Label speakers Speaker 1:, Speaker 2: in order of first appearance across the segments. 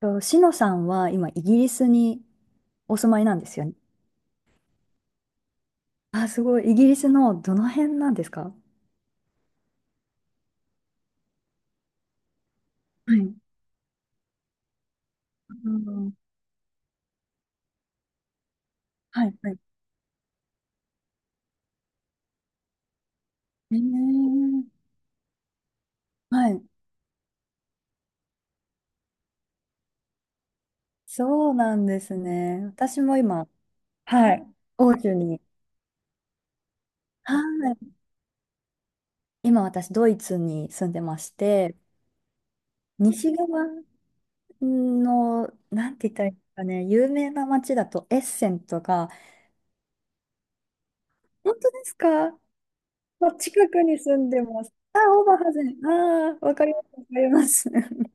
Speaker 1: と、しのさんは今、イギリスにお住まいなんですよね。あ、すごい。イギリスのどの辺なんですか？はい。あのはい、はい。えー、はい。そうなんですね。私も今、はい、欧州に、はい。今私、ドイツに住んでまして、西側の、なんて言ったらいいですかね、有名な街だとエッセンとか、本当ですか？あ、近くに住んでます。あ、オーバーハゼン。ああ、わかります、わかります。は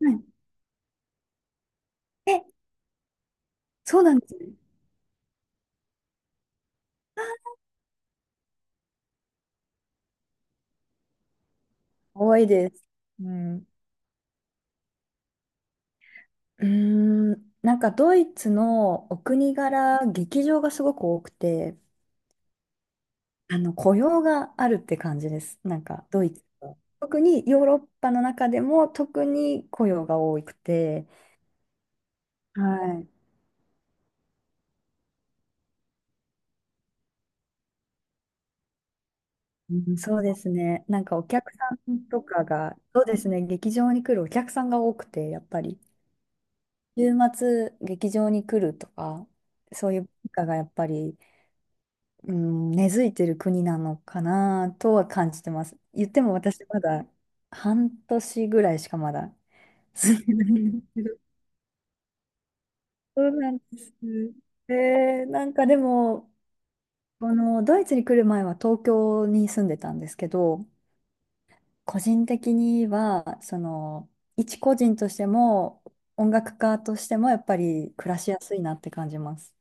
Speaker 1: い。え、そうなんですね。多いです。うん。うーなんかドイツのお国柄、劇場がすごく多くて、あの雇用があるって感じです。なんかドイツは。特にヨーロッパの中でも特に雇用が多くて、はい。うん、そうですね。なんかお客さんとかが、そうですね、劇場に来るお客さんが多くて、やっぱり。週末劇場に来るとか、そういう文化がやっぱり、うん、根付いてる国なのかなとは感じてます。言っても私まだ半年ぐらいしかまだ住んでないんですけど。そうなんです。なんかでも、このドイツに来る前は東京に住んでたんですけど、個人的には、一個人としても、音楽家としてもやっぱり暮らしやすいなって感じます。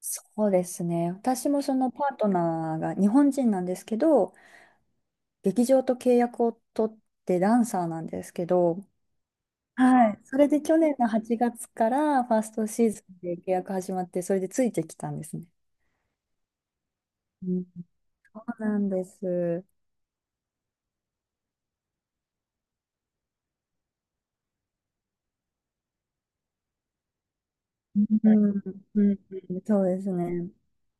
Speaker 1: そうですね。私もそのパートナーが日本人なんですけど、劇場と契約を取ってダンサーなんですけど、はい。それで去年の8月からファーストシーズンで契約始まって、それでついてきたんですね。うん、そうなんです。うんうん、うん、そうですね。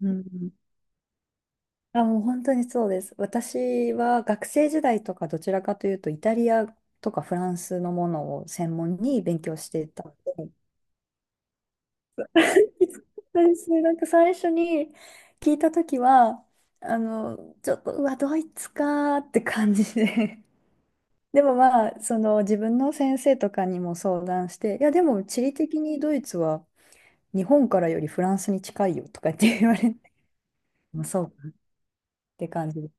Speaker 1: うん。あ、もう本当にそうです。私は学生時代とかどちらかというと、イタリアとかフランスのものを専門に勉強していたので、そうですね、なんか最初に聞いたときは、ちょっと、うわ、ドイツかーって感じで。でもまあ、その自分の先生とかにも相談して、いや、でも地理的にドイツは日本からよりフランスに近いよとかって言われて、まあ、そうかって感じで。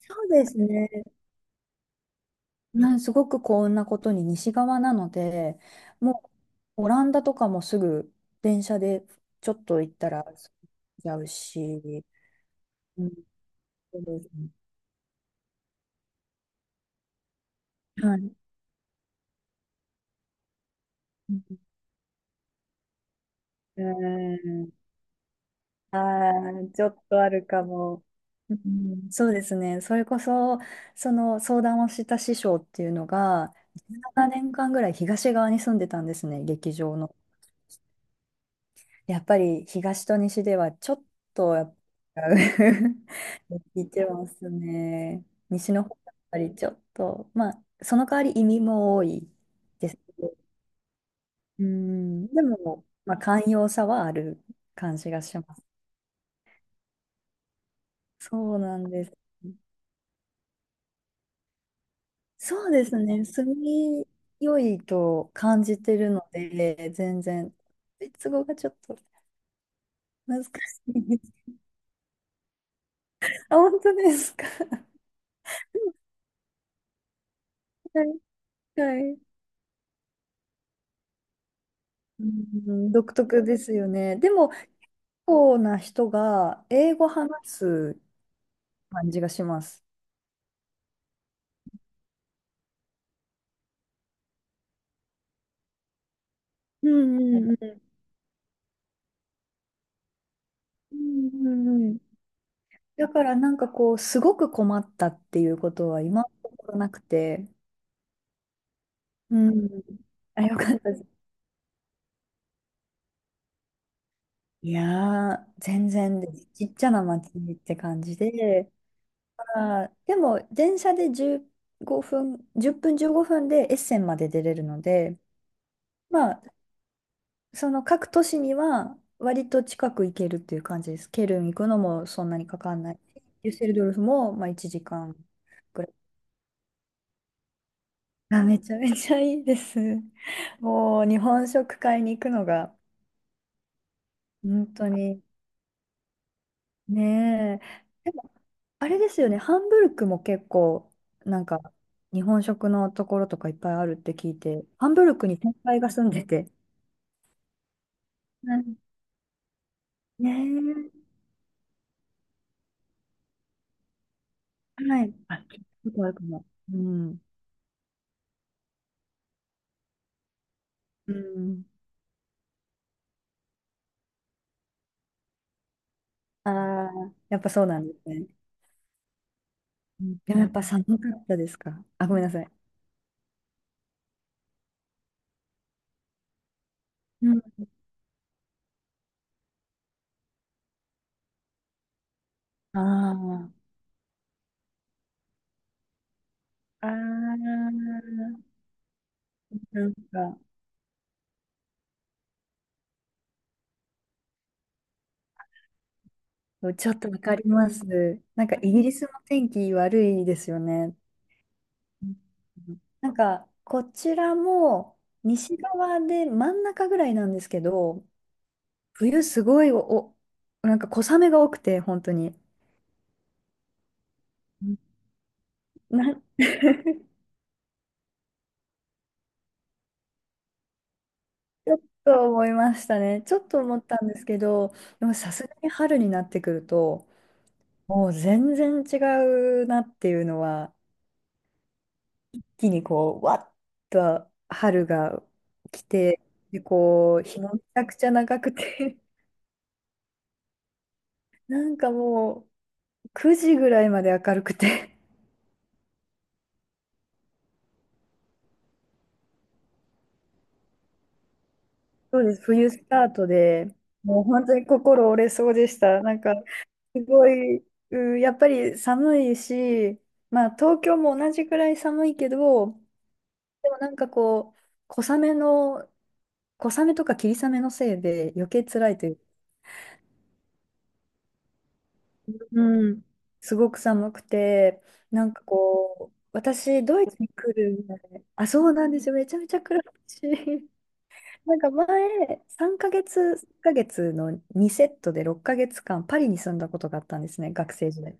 Speaker 1: そうですね。すごく幸運なことに西側なので、もうオランダとかもすぐ電車でちょっと行ったら着いちゃうし、うん、はい。うん。ああ、ちょっとあるかも。うん、そうですね。それこそ、その相談をした師匠っていうのが、17年間ぐらい東側に住んでたんですね、劇場の。やっぱり東と西ではちょっとやっぱ 似てますね。西の方がやっぱりちょっと、まあ、その代わり移民も多いですけど。うん、でも、まあ、寛容さはある感じがします。そうなんです。そうですね。住みよいと感じてるので、全然、ドイツ語がちょっと難しいです。あ、本当ですか？はい、はい。うん、独特ですよね。でも、結構な人が英語話す感じがします。うんうんうん。うんうんうん。だからなんかこう、すごく困ったっていうことは今のところなくて、うん。あ、よかった。いやー、全然です。ちっちゃな町って感じで、まあー、でも電車で15分、10分15分でエッセンまで出れるので、まあ、その各都市には割と近く行けるっていう感じです。ケルン行くのもそんなにかかんない。デュッセルドルフもまあ1時間ぐらい。あ、めちゃめちゃいいです。もう日本食買いに行くのが本当にねえ。でもあれですよね、ハンブルクも結構、なんか、日本食のところとかいっぱいあるって聞いて、ハンブルクに先輩が住んでて。うん、ねえ、はい。あ、聞いたことあるかも。うん。うん。ああ、やっぱそうなんですね。うん、でもやっぱ寒かったですかあ？ごめんなさい。うん。ああ、ああ、なんか、ちょっとわかります。なんかイギリスの天気悪いですよね。なんか、こちらも西側で真ん中ぐらいなんですけど、冬すごい、おなんか小雨が多くて、本当に。な ちょっと思いましたね。ちょっと思ったんですけど、でもさすがに春になってくると、もう全然違うなっていうのは、一気にこう、わっと春が来て、で、こう、日もめちゃくちゃ長くて、なんかもう、9時ぐらいまで明るくて、そうです、冬スタートで、もう本当に心折れそうでした。なんか、すごい、うん、やっぱり寒いし、まあ、東京も同じくらい寒いけど、でもなんかこう、小雨の、小雨とか霧雨のせいで余計辛いというか、うん。すごく寒くて、なんかこう、私、ドイツに来る前、あ、そうなんですよ、めちゃめちゃ暗いし。なんか前、3ヶ月の2セットで6ヶ月間、パリに住んだことがあったんですね、学生時代。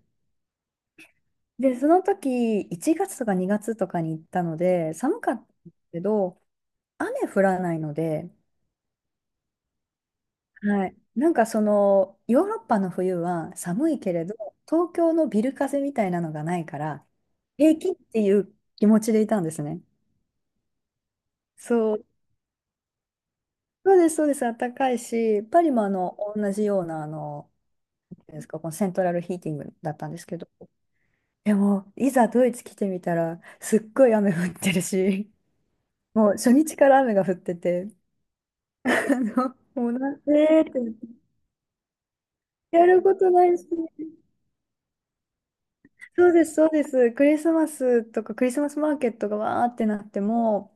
Speaker 1: で、その時、1月とか2月とかに行ったので、寒かったんですけど、雨降らないので、はい、なんかヨーロッパの冬は寒いけれど、東京のビル風みたいなのがないから、平気っていう気持ちでいたんですね。そう、そうです、そうです、暖かいし、パリも同じようなあのですか、このセントラルヒーティングだったんですけど、でも、いざドイツ来てみたら、すっごい雨降ってるし、もう初日から雨が降ってて、あの、もうなんでってやることないし、そうです、そうです、クリスマスとかクリスマスマーケットがわーってなっても、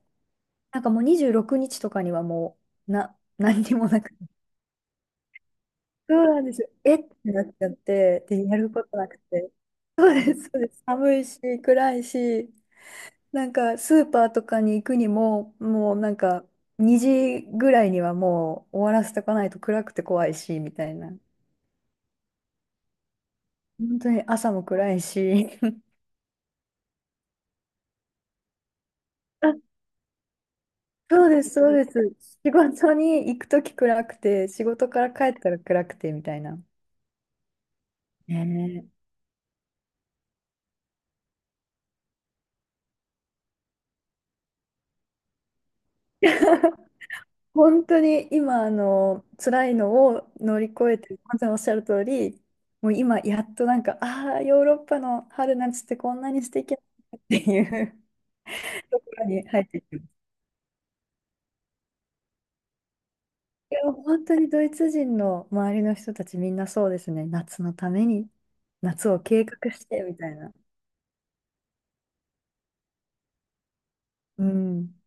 Speaker 1: なんかもう26日とかにはもう、何にもなくて、そうなんですよ、えってなっちゃって、で、やることなくて、そうです、そうです、寒いし、暗いし、なんかスーパーとかに行くにも、もうなんか2時ぐらいにはもう終わらせとかないと暗くて怖いし、みたいな。本当に朝も暗いし。あ、そうです、そうです。仕事に行くとき暗くて、仕事から帰ったら暗くて、みたいな。ねえ。本当に今、辛いのを乗り越えて、まさにおっしゃる通り、もう今、やっとなんか、ああ、ヨーロッパの春夏ってこんなに素敵なんだっていう ところに入っていく。いや、本当にドイツ人の周りの人たちみんなそうですね。夏のために、夏を計画してみたいな。うん。